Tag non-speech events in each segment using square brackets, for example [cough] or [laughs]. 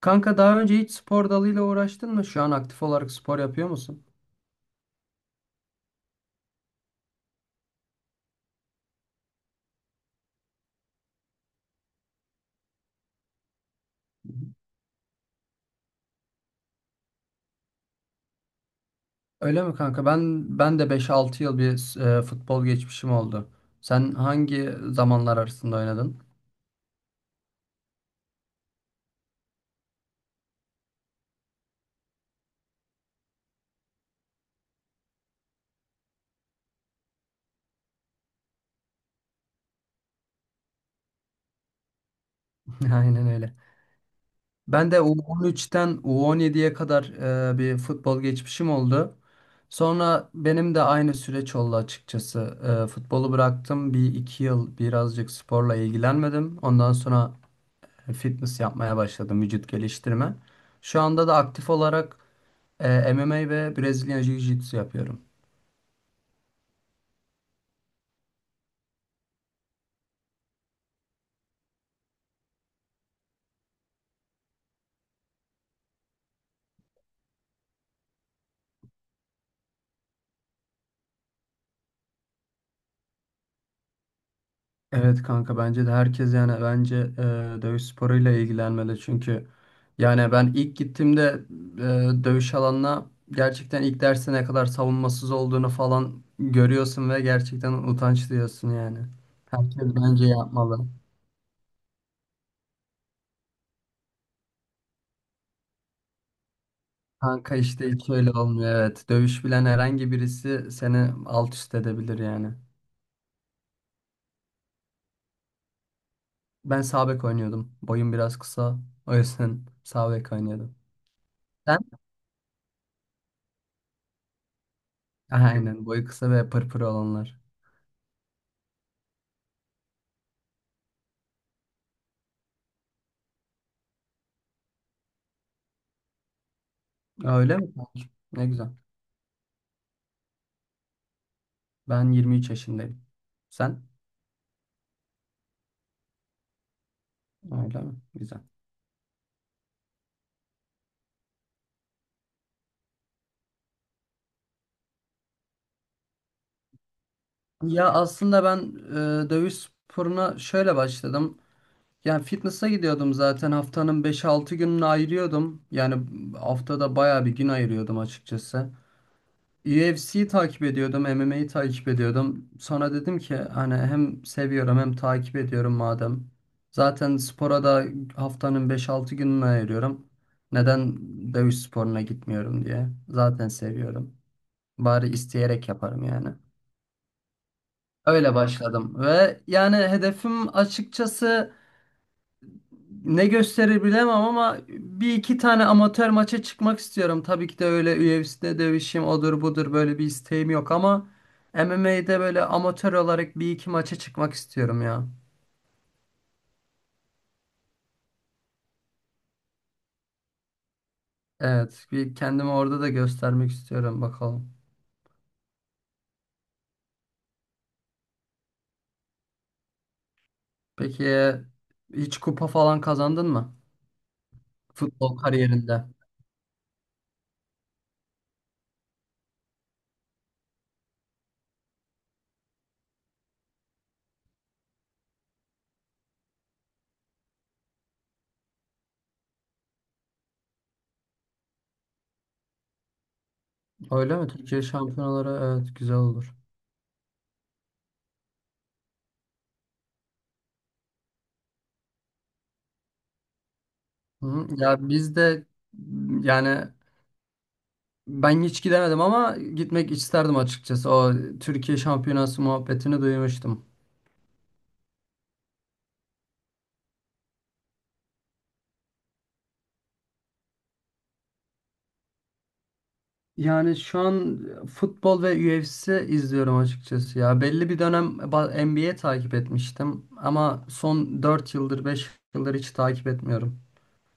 Kanka daha önce hiç spor dalıyla uğraştın mı? Şu an aktif olarak spor yapıyor musun? Öyle mi, kanka? Ben de beş altı yıl bir futbol geçmişim oldu. Sen hangi zamanlar arasında oynadın? [laughs] Aynen öyle. Ben de U13'ten U17'ye kadar bir futbol geçmişim oldu. Sonra benim de aynı süreç oldu açıkçası. Futbolu bıraktım. Bir iki yıl birazcık sporla ilgilenmedim. Ondan sonra fitness yapmaya başladım, vücut geliştirme. Şu anda da aktif olarak MMA ve Brezilya Jiu-Jitsu yapıyorum. Evet, kanka, bence de herkes, yani bence dövüş sporuyla ilgilenmeli, çünkü yani ben ilk gittiğimde dövüş alanına gerçekten ilk derste ne kadar savunmasız olduğunu falan görüyorsun ve gerçekten utanç duyuyorsun yani. Herkes bence yapmalı. Kanka, işte hiç öyle olmuyor, evet. Dövüş bilen herhangi birisi seni alt üst edebilir yani. Ben sağ bek oynuyordum. Boyum biraz kısa. O yüzden sağ bek oynuyordum. Sen? Aynen, boyu kısa ve pırpır olanlar. Aa, öyle mi? Ne güzel. Ben 23 yaşındayım. Sen? Öyle mi? Güzel. Ya aslında ben dövüş sporuna şöyle başladım. Yani fitness'a gidiyordum, zaten haftanın beş altı gününü ayırıyordum. Yani haftada bayağı bir gün ayırıyordum açıkçası. UFC'yi takip ediyordum, MMA'yi takip ediyordum. Sonra dedim ki, hani hem seviyorum hem takip ediyorum madem. Zaten spora da haftanın 5-6 gününü ayırıyorum. Neden dövüş sporuna gitmiyorum diye. Zaten seviyorum. Bari isteyerek yaparım yani. Öyle başladım ve yani hedefim açıkçası, ne gösterir bilemem, ama bir iki tane amatör maça çıkmak istiyorum. Tabii ki de öyle UFC'de dövüşeyim odur budur böyle bir isteğim yok, ama MMA'de böyle amatör olarak bir iki maça çıkmak istiyorum ya. Evet, bir kendimi orada da göstermek istiyorum, bakalım. Peki hiç kupa falan kazandın mı? Futbol kariyerinde? Öyle mi? Türkiye şampiyonaları, evet, güzel olur. Hı, ya biz de, yani ben hiç gidemedim ama gitmek isterdim açıkçası. O Türkiye şampiyonası muhabbetini duymuştum. Yani şu an futbol ve UFC izliyorum açıkçası ya. Belli bir dönem NBA takip etmiştim ama son 4 yıldır 5 yıldır hiç takip etmiyorum.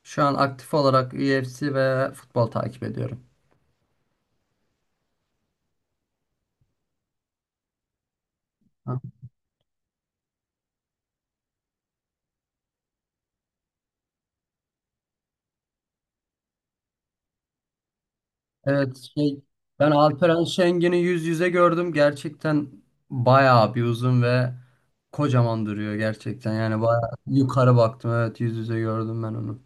Şu an aktif olarak UFC ve futbol takip ediyorum. Ha. Evet, şey, ben Alperen Şengen'i yüz yüze gördüm. Gerçekten bayağı bir uzun ve kocaman duruyor gerçekten. Yani bayağı yukarı baktım. Evet, yüz yüze gördüm ben onu.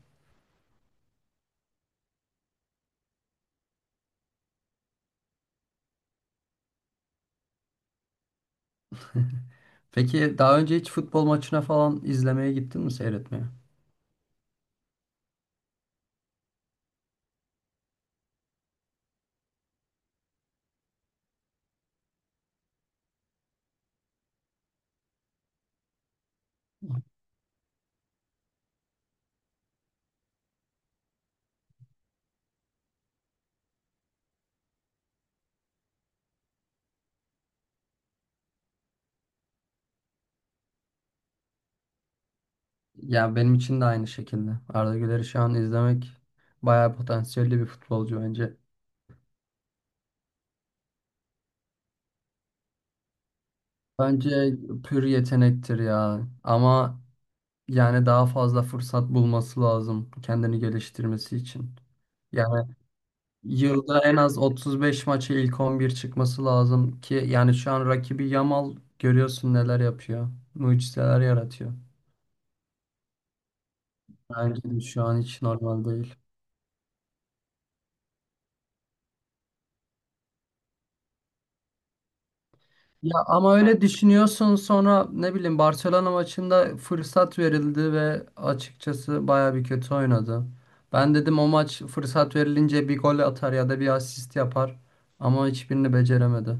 Peki daha önce hiç futbol maçına falan izlemeye gittin mi, seyretmeye? Ya benim için de aynı şekilde. Arda Güler'i şu an izlemek, bayağı potansiyelli bir futbolcu bence. Bence pür yetenektir ya. Ama yani daha fazla fırsat bulması lazım kendini geliştirmesi için. Yani yılda en az 35 maça ilk 11 çıkması lazım ki, yani şu an rakibi Yamal, görüyorsun neler yapıyor. Mucizeler yaratıyor. Bence de şu an hiç normal değil. Ya ama öyle düşünüyorsun, sonra ne bileyim Barcelona maçında fırsat verildi ve açıkçası baya bir kötü oynadı. Ben dedim o maç fırsat verilince bir gol atar ya da bir asist yapar, ama hiçbirini beceremedi.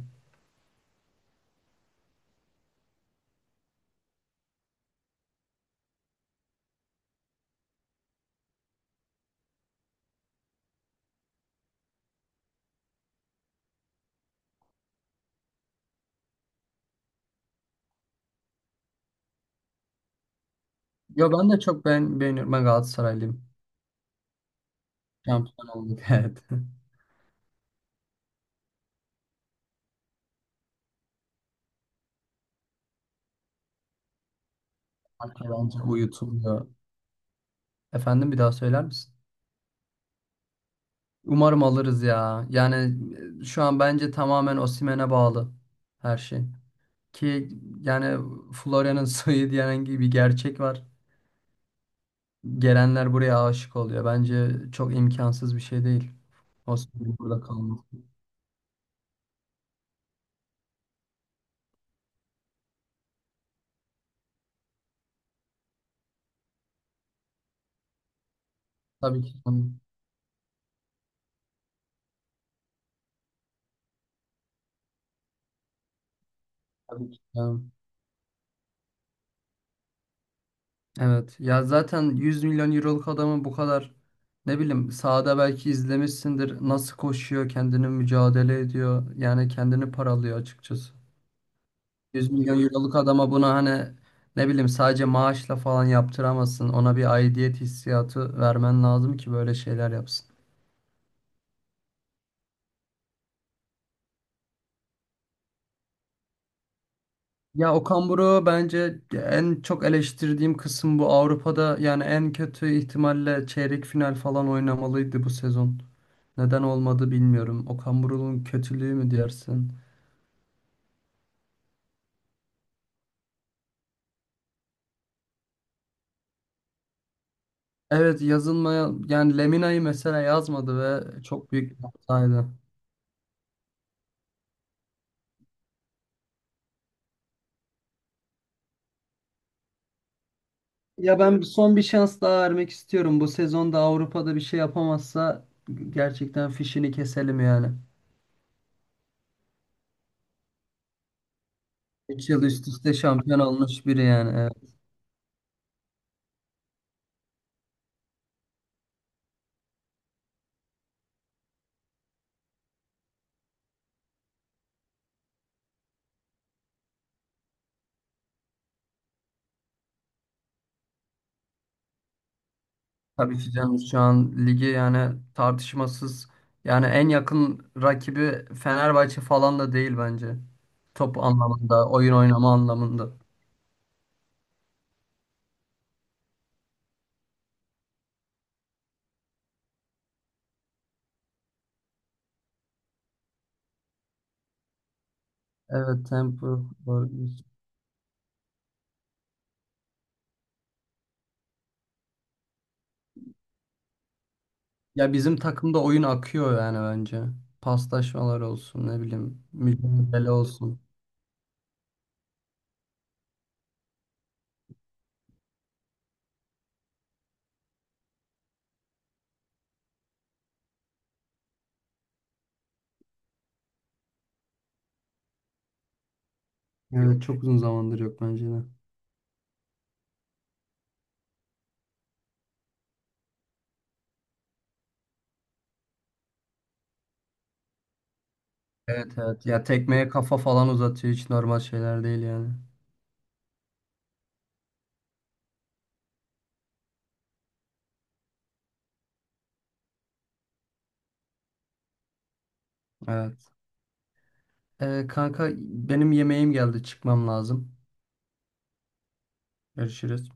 Yo, ben de çok beğeniyorum. Ben Galatasaraylıyım. Şampiyon olduk [laughs] evet. Hatta bence uyutuluyor. Efendim, bir daha söyler misin? Umarım alırız ya. Yani şu an bence tamamen Osimhen'e bağlı her şey. Ki yani Florya'nın [laughs] soyu diyen gibi bir gerçek var. Gelenler buraya aşık oluyor. Bence çok imkansız bir şey değil. Osman'ın burada kalması. Tabii ki, canım. Tabii ki, canım. Evet. Ya zaten 100 milyon euroluk adamın bu kadar, ne bileyim, sahada belki izlemişsindir. Nasıl koşuyor, kendini mücadele ediyor. Yani kendini paralıyor açıkçası. 100 milyon euroluk adama bunu, hani ne bileyim, sadece maaşla falan yaptıramazsın. Ona bir aidiyet hissiyatı vermen lazım ki böyle şeyler yapsın. Ya, Okan Buruk'u bence en çok eleştirdiğim kısım bu. Avrupa'da yani en kötü ihtimalle çeyrek final falan oynamalıydı bu sezon. Neden olmadı bilmiyorum. Okan Buruk'un kötülüğü mü dersin? Evet, yazılmaya, yani Lemina'yı mesela yazmadı ve çok büyük bir hataydı. Ya ben son bir şans daha vermek istiyorum. Bu sezonda Avrupa'da bir şey yapamazsa gerçekten fişini keselim yani. 3 yıl üst üste şampiyon olmuş biri yani. Tabii ki canım, şu an ligi yani tartışmasız, yani en yakın rakibi Fenerbahçe falan da değil bence. Top anlamında, oyun oynama anlamında. Evet, tempo. Doğru diyorsun. Ya bizim takımda oyun akıyor yani bence. Paslaşmalar olsun, ne bileyim, mücadele olsun. Evet, çok uzun zamandır yok bence de. Evet, evet, ya tekmeye kafa falan uzatıyor, hiç normal şeyler değil yani. Evet. Kanka, benim yemeğim geldi, çıkmam lazım. Görüşürüz.